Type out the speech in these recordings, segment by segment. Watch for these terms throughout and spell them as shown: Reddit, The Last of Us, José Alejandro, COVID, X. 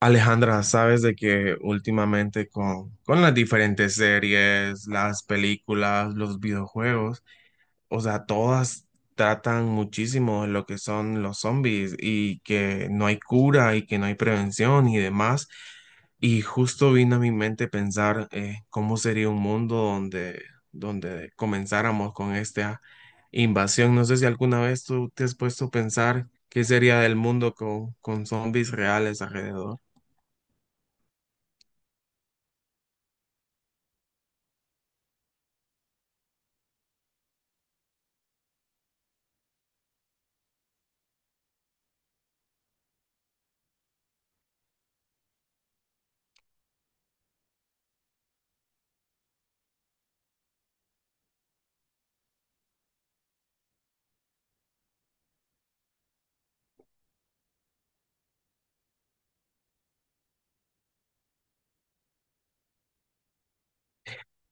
Alejandra, sabes de que últimamente con las diferentes series, las películas, los videojuegos, o sea, todas tratan muchísimo de lo que son los zombies y que no hay cura y que no hay prevención y demás. Y justo vino a mi mente pensar cómo sería un mundo donde comenzáramos con esta invasión. No sé si alguna vez tú te has puesto a pensar qué sería del mundo con zombies reales alrededor.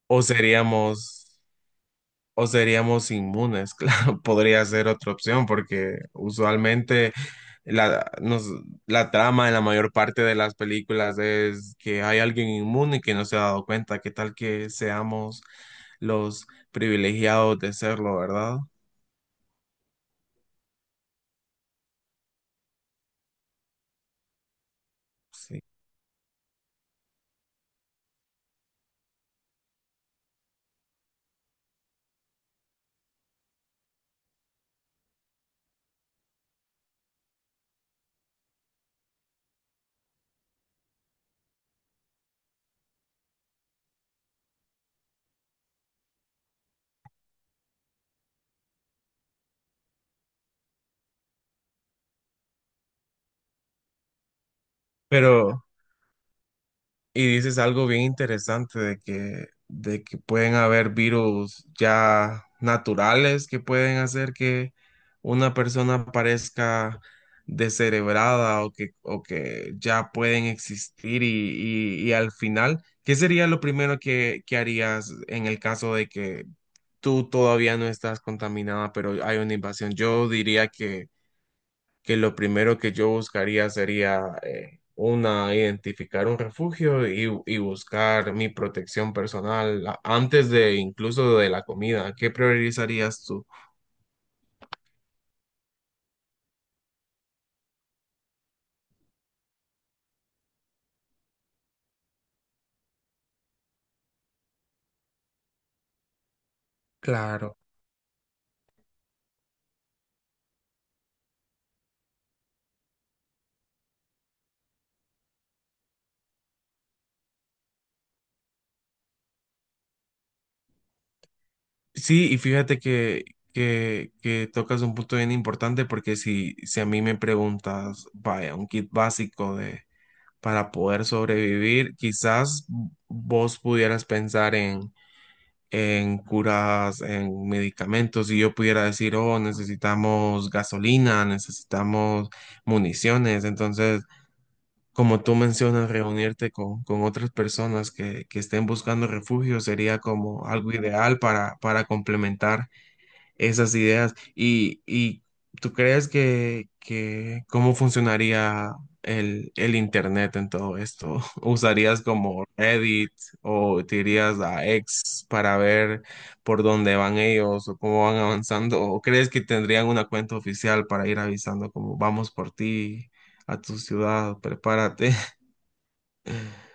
O seríamos, o seríamos inmunes, claro, podría ser otra opción, porque usualmente la, nos, la trama en la mayor parte de las películas es que hay alguien inmune que no se ha dado cuenta. ¿Qué tal que seamos los privilegiados de serlo, verdad? Sí. Pero, Y dices algo bien interesante de que pueden haber virus ya naturales que pueden hacer que una persona parezca descerebrada o que ya pueden existir y al final, ¿qué sería lo primero que harías en el caso de que tú todavía no estás contaminada, pero hay una invasión? Yo diría que lo primero que yo buscaría sería identificar un refugio y buscar mi protección personal antes de incluso de la comida. ¿Qué priorizarías tú? Claro. Sí, y fíjate que tocas un punto bien importante porque si a mí me preguntas, vaya, un kit básico de, para poder sobrevivir, quizás vos pudieras pensar en curas, en medicamentos, y yo pudiera decir, oh, necesitamos gasolina, necesitamos municiones. Entonces, como tú mencionas, reunirte con otras personas que estén buscando refugio sería como algo ideal para complementar esas ideas. ¿Y tú crees que cómo funcionaría el Internet en todo esto? ¿Usarías como Reddit o te irías a X para ver por dónde van ellos o cómo van avanzando? ¿O crees que tendrían una cuenta oficial para ir avisando como vamos por ti a tu ciudad, prepárate?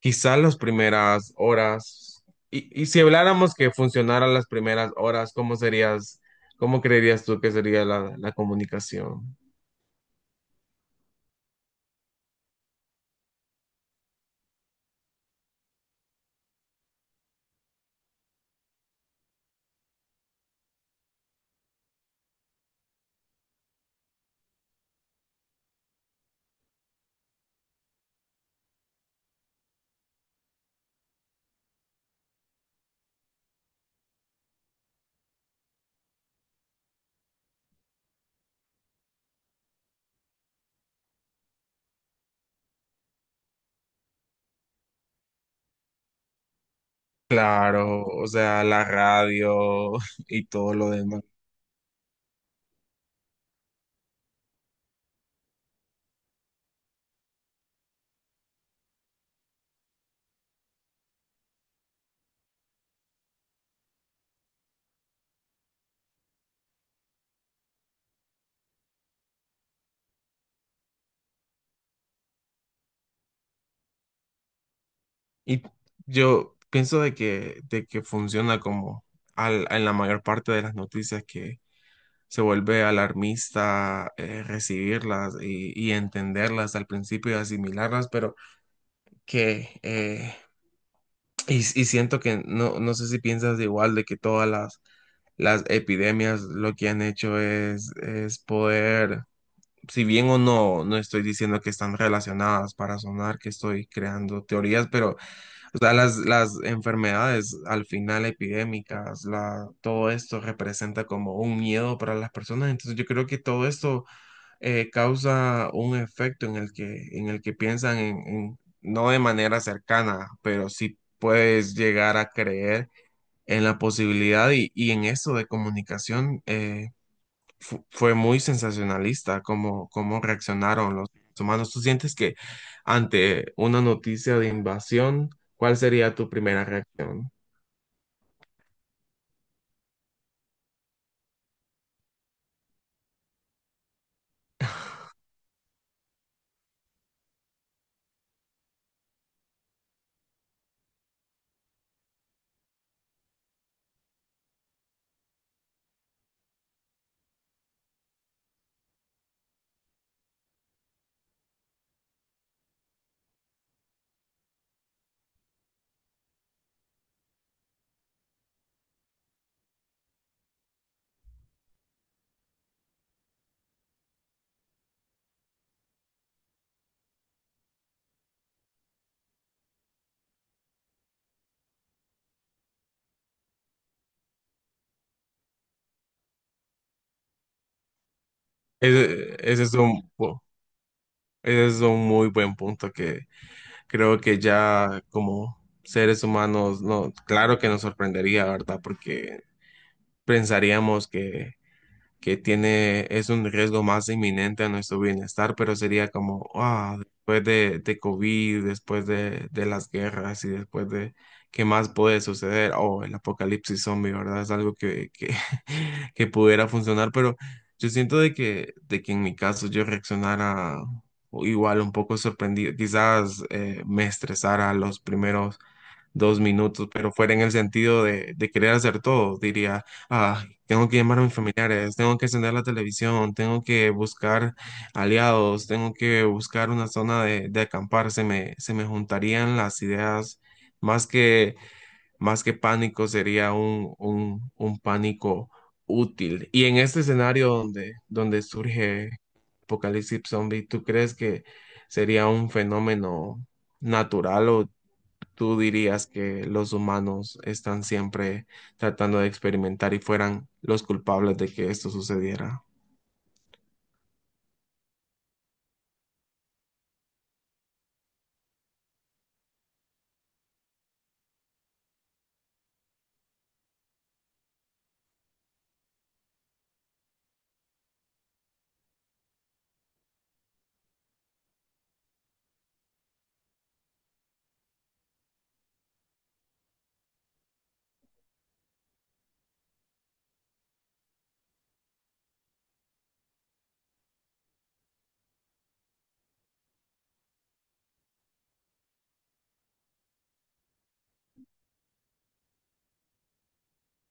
Quizás las primeras horas, y si habláramos que funcionaran las primeras horas, ¿cómo serías, cómo creerías tú que sería la comunicación? Claro, o sea, la radio y todo lo demás. Y yo pienso de que funciona como en la mayor parte de las noticias que se vuelve alarmista, recibirlas y entenderlas al principio y asimilarlas, pero que Y, y siento que no, no sé si piensas igual de que todas las epidemias lo que han hecho es poder, si bien o no, no estoy diciendo que están relacionadas para sonar que estoy creando teorías, pero o sea, las enfermedades al final epidémicas, la, todo esto representa como un miedo para las personas, entonces yo creo que todo esto causa un efecto en el que piensan en, no de manera cercana, pero sí puedes llegar a creer en la posibilidad y en eso de comunicación, fue muy sensacionalista cómo, cómo reaccionaron los humanos. ¿Tú sientes que ante una noticia de invasión, cuál sería tu primera reacción? Ese es un, ese es un muy buen punto. Creo que ya como seres humanos, no, claro que nos sorprendería, ¿verdad? Porque pensaríamos que tiene, es un riesgo más inminente a nuestro bienestar, pero sería como, ah, después de COVID, después de las guerras y después de qué más puede suceder, o el apocalipsis zombie, ¿verdad? Es algo que pudiera funcionar, pero yo siento de que en mi caso yo reaccionara igual un poco sorprendido, quizás me estresara los primeros dos minutos, pero fuera en el sentido de querer hacer todo. Diría, ah, tengo que llamar a mis familiares, tengo que encender la televisión, tengo que buscar aliados, tengo que buscar una zona de acampar. Se me juntarían las ideas, más que, más que pánico, sería un pánico útil. Y en este escenario donde surge Apocalipsis Zombie, ¿tú crees que sería un fenómeno natural o ¿tú dirías que los humanos están siempre tratando de experimentar y fueran los culpables de que esto sucediera?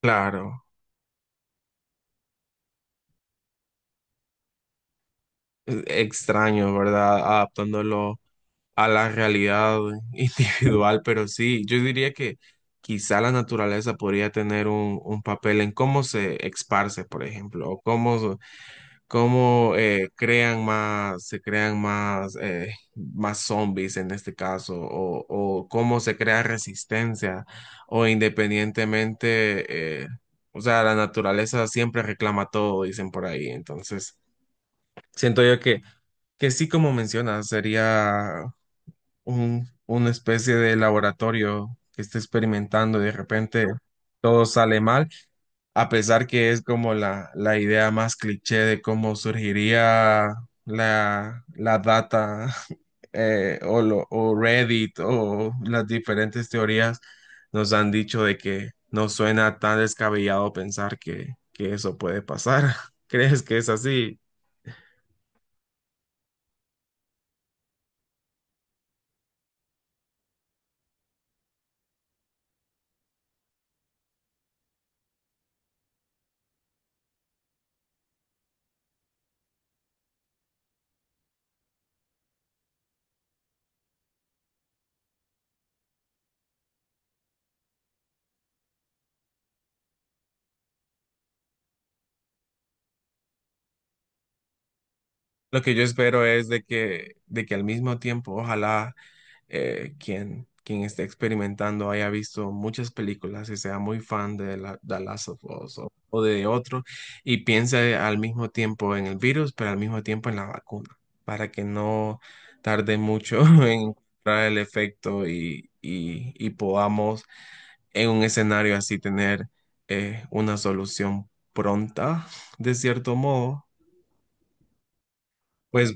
Claro, extraño, ¿verdad? Adaptándolo a la realidad individual, pero sí, yo diría que quizá la naturaleza podría tener un papel en cómo se esparce, por ejemplo, o cómo cómo se crean más, más zombies en este caso, o cómo se crea resistencia, o independientemente, o sea, la naturaleza siempre reclama todo, dicen por ahí. Entonces, siento yo que sí, como mencionas, sería una especie de laboratorio que esté experimentando y de repente todo sale mal, a pesar que es como la idea más cliché de cómo surgiría la data, o Reddit o las diferentes teorías nos han dicho de que no suena tan descabellado pensar que eso puede pasar. ¿Crees que es así? Lo que yo espero es de que al mismo tiempo, ojalá quien esté experimentando haya visto muchas películas y sea muy fan de la, The Last of Us o de otro y piense al mismo tiempo en el virus, pero al mismo tiempo en la vacuna, para que no tarde mucho en encontrar el efecto y podamos en un escenario así tener una solución pronta, de cierto modo. Pues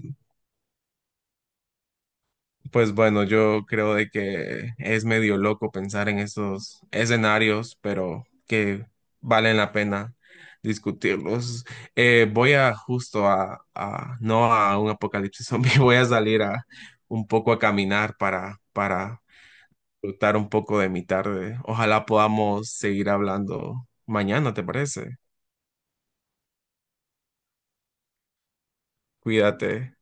pues bueno, yo creo de que es medio loco pensar en esos escenarios, pero que valen la pena discutirlos. Voy a justo no a un apocalipsis zombie, voy a salir a un poco a caminar para disfrutar un poco de mi tarde. Ojalá podamos seguir hablando mañana, ¿te parece? Cuídate.